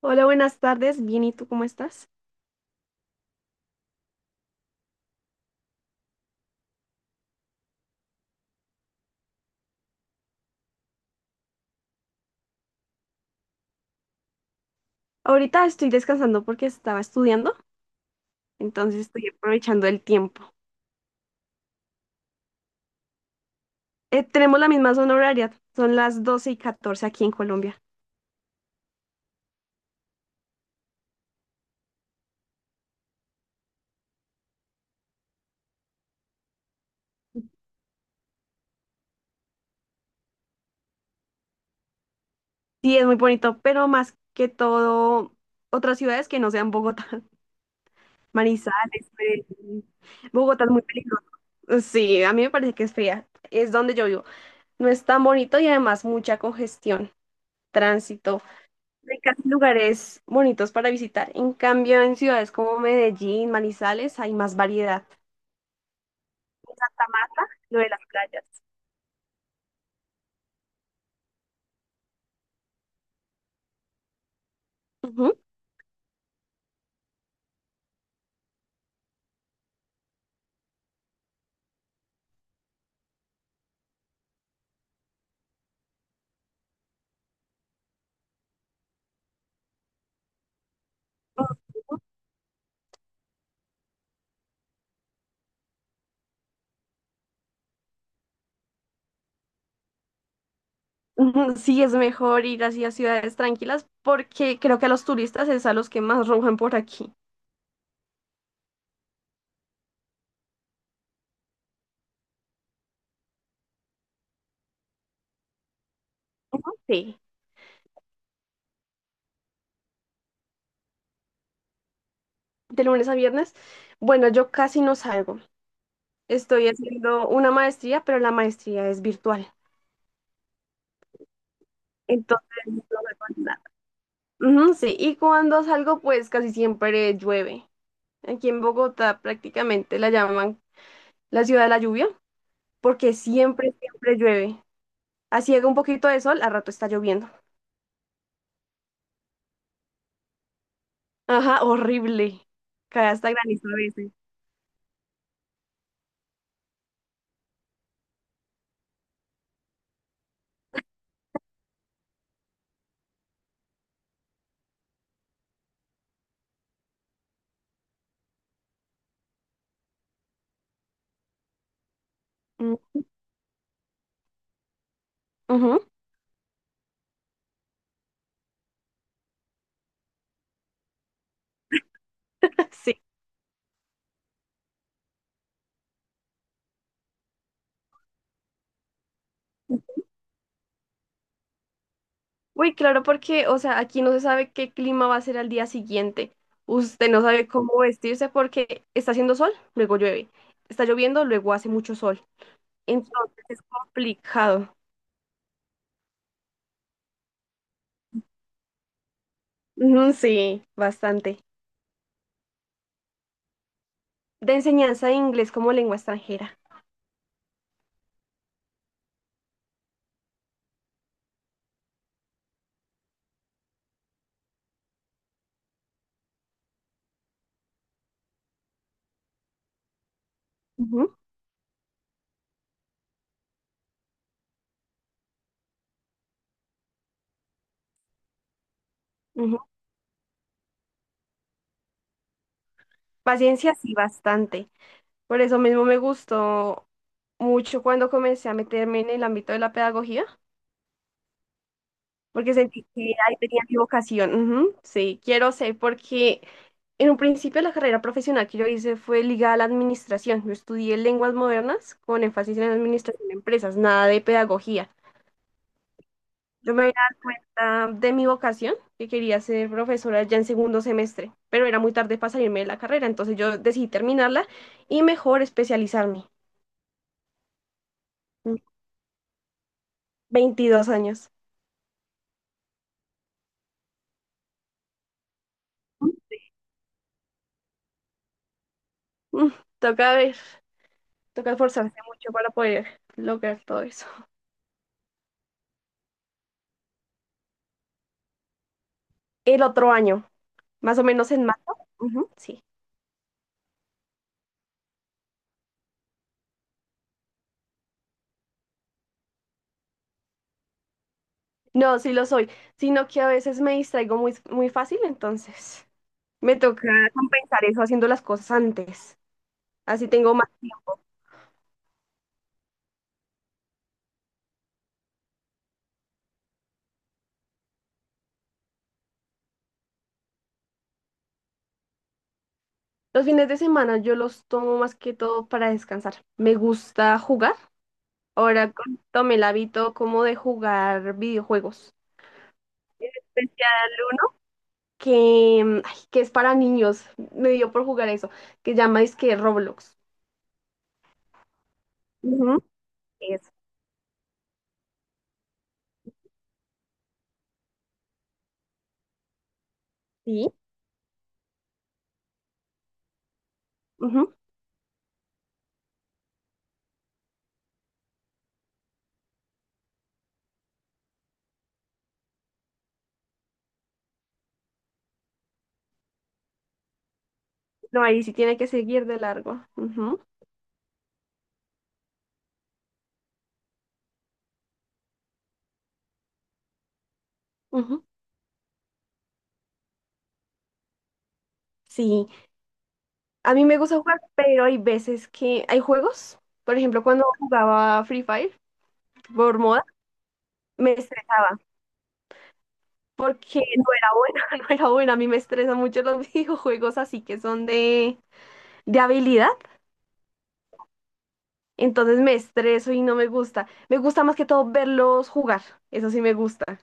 Hola, buenas tardes. Bien, ¿y tú cómo estás? Ahorita estoy descansando porque estaba estudiando, entonces estoy aprovechando el tiempo. Tenemos la misma zona horaria, son las 12:14 aquí en Colombia. Sí, es muy bonito, pero más que todo, otras ciudades que no sean Bogotá, Manizales, Medellín. Bogotá es muy peligroso. Sí, a mí me parece que es fría. Es donde yo vivo. No es tan bonito y además mucha congestión, tránsito. Hay casi lugares bonitos para visitar. En cambio, en ciudades como Medellín, Manizales, hay más variedad. Mata, mata, lo de las playas. Ujú. Ujú, sí, es mejor ir hacia ciudades tranquilas porque creo que a los turistas es a los que más roban por aquí. Sí. De lunes a viernes. Bueno, yo casi no salgo. Estoy haciendo una maestría, pero la maestría es virtual. Entonces, no vemos nada. Ujú, sí. Y cuando salgo, pues casi siempre llueve. Aquí en Bogotá prácticamente la llaman la ciudad de la lluvia, porque siempre, siempre llueve. Así haga un poquito de sol, al rato está lloviendo. Ajá, horrible. Cae hasta granizo a veces. Mm, ujú, sí. Uy, claro, porque, o sea, aquí no se sabe qué clima va a ser al día siguiente. Usted no sabe cómo vestirse porque está haciendo sol, luego llueve. Está lloviendo, luego hace mucho sol. Entonces es complicado. Ujú, sí, bastante. De enseñanza de inglés como lengua extranjera. Ujú, ujú. Paciencia, sí, bastante. Por eso mismo me gustó mucho cuando comencé a meterme en el ámbito de la pedagogía, porque sentí que ahí tenía mi vocación. Ujú, sí, quiero ser, porque en un principio la carrera profesional que yo hice fue ligada a la administración. Yo estudié lenguas modernas con énfasis en administración de empresas, nada de pedagogía. Yo me di cuenta de mi vocación, que quería ser profesora ya en segundo semestre, pero era muy tarde para salirme de la carrera, entonces yo decidí terminarla y mejor especializarme. 22 años. Mm, Toca ver, toca esforzarse mucho para poder lograr todo eso. El otro año, más o menos en marzo. Ujú, sí. No, sí lo soy, sino que a veces me distraigo muy, muy fácil, entonces me toca compensar eso haciendo las cosas antes. Así tengo más tiempo. Los fines de semana yo los tomo más que todo para descansar. Me gusta jugar. Ahora tomé el hábito como de jugar videojuegos. Especial que es para niños. Me dio por jugar eso, que llama que Roblox. Ujú. Eso. Sí. Ujú. No, ahí sí tiene que seguir de largo. Ujú, ujú. Sí, a mí me gusta jugar, pero hay veces que hay juegos. Por ejemplo, cuando jugaba Free Fire por moda, me estresé porque no era buena, no era buena. A mí me estresan mucho los videojuegos así que son de, habilidad. Entonces me estreso y no me gusta. Me gusta más que todo verlos jugar. Eso sí me gusta.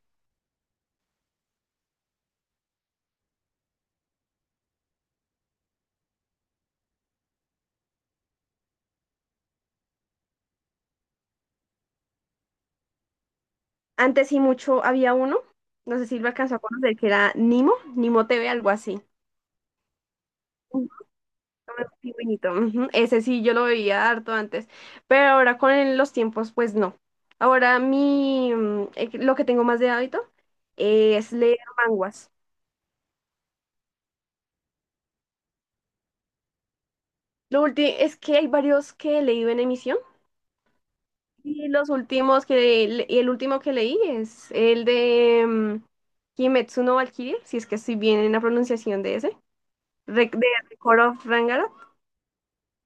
Antes sí mucho había uno, no sé si lo alcanzó a conocer, que era Nimo, Nimo TV, algo así. Un pingüinito, ujú. Ese sí yo lo veía harto antes, pero ahora con los tiempos pues no. Ahora lo que tengo más de hábito es leer manguas. Lo último es que hay varios que he leído en emisión y los últimos que le- y el último que leí es el de Kimetsu no Valkyrie, si es que estoy bien en la pronunciación de ese, de Record of Ragnarok.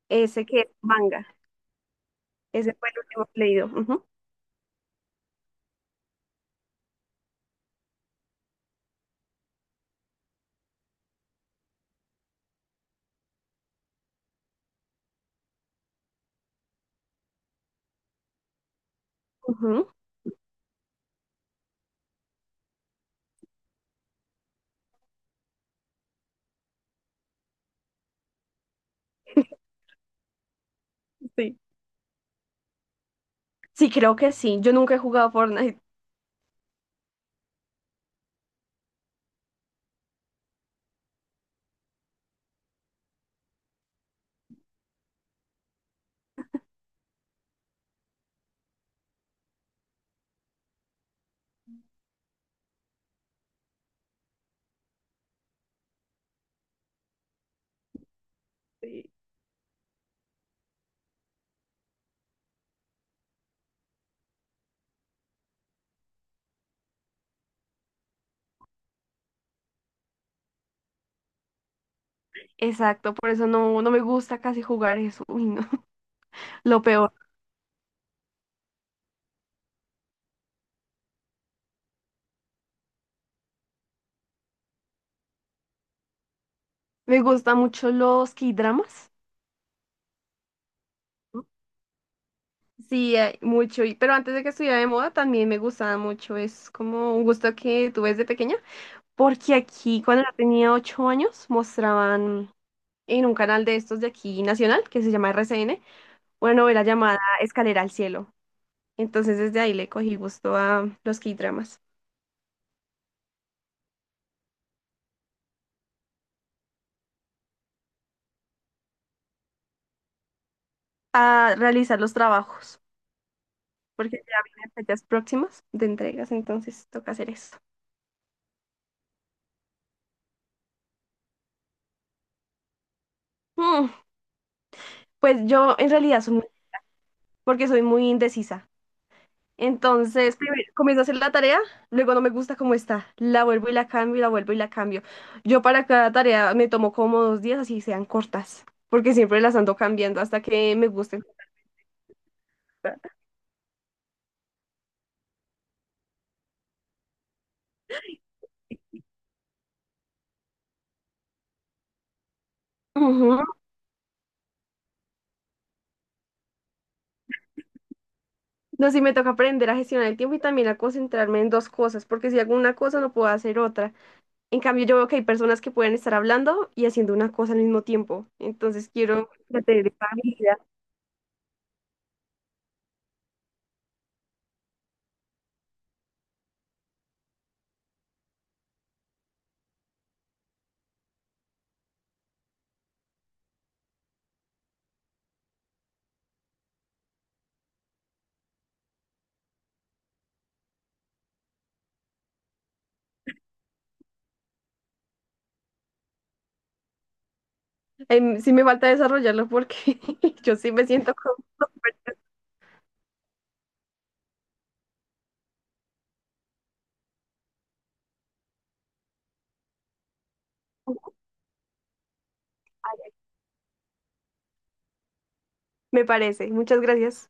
Ese que es manga. Ese fue el último que he leído. Ujú, ujú, sí. Sí, creo que sí. Yo nunca he jugado Fortnite. Sí. Exacto, por eso no, no me gusta casi jugar eso. Uy, no. Lo peor. Me gustan mucho los K-dramas. ¿No? Sí, hay mucho. Pero antes de que estuviera de moda también me gustaba mucho. Es como un gusto que tuve desde pequeña. Porque aquí, cuando yo tenía 8 años, mostraban en un canal de estos de aquí nacional, que se llama RCN, una novela llamada Escalera al Cielo. Entonces desde ahí le cogí gusto a los K-dramas, a realizar los trabajos, porque ya vienen fechas próximas de entregas, entonces toca hacer eso. Mm, pues yo en realidad soy muy, porque soy muy indecisa. Entonces, primero comienzo a hacer la tarea, luego no me gusta cómo está, la vuelvo y la cambio, y la vuelvo y la cambio. Yo para cada tarea me tomo como 2 días, así sean cortas, porque siempre las ando cambiando hasta que me gusten. Ujú. No, sí me toca aprender a gestionar el tiempo y también a concentrarme en dos cosas, porque si hago una cosa no puedo hacer otra. En cambio, yo veo que hay personas que pueden estar hablando y haciendo una cosa al mismo tiempo. Entonces quiero ya tener esa habilidad. Sí me falta desarrollarlo porque yo sí me siento como... Me parece. Muchas gracias.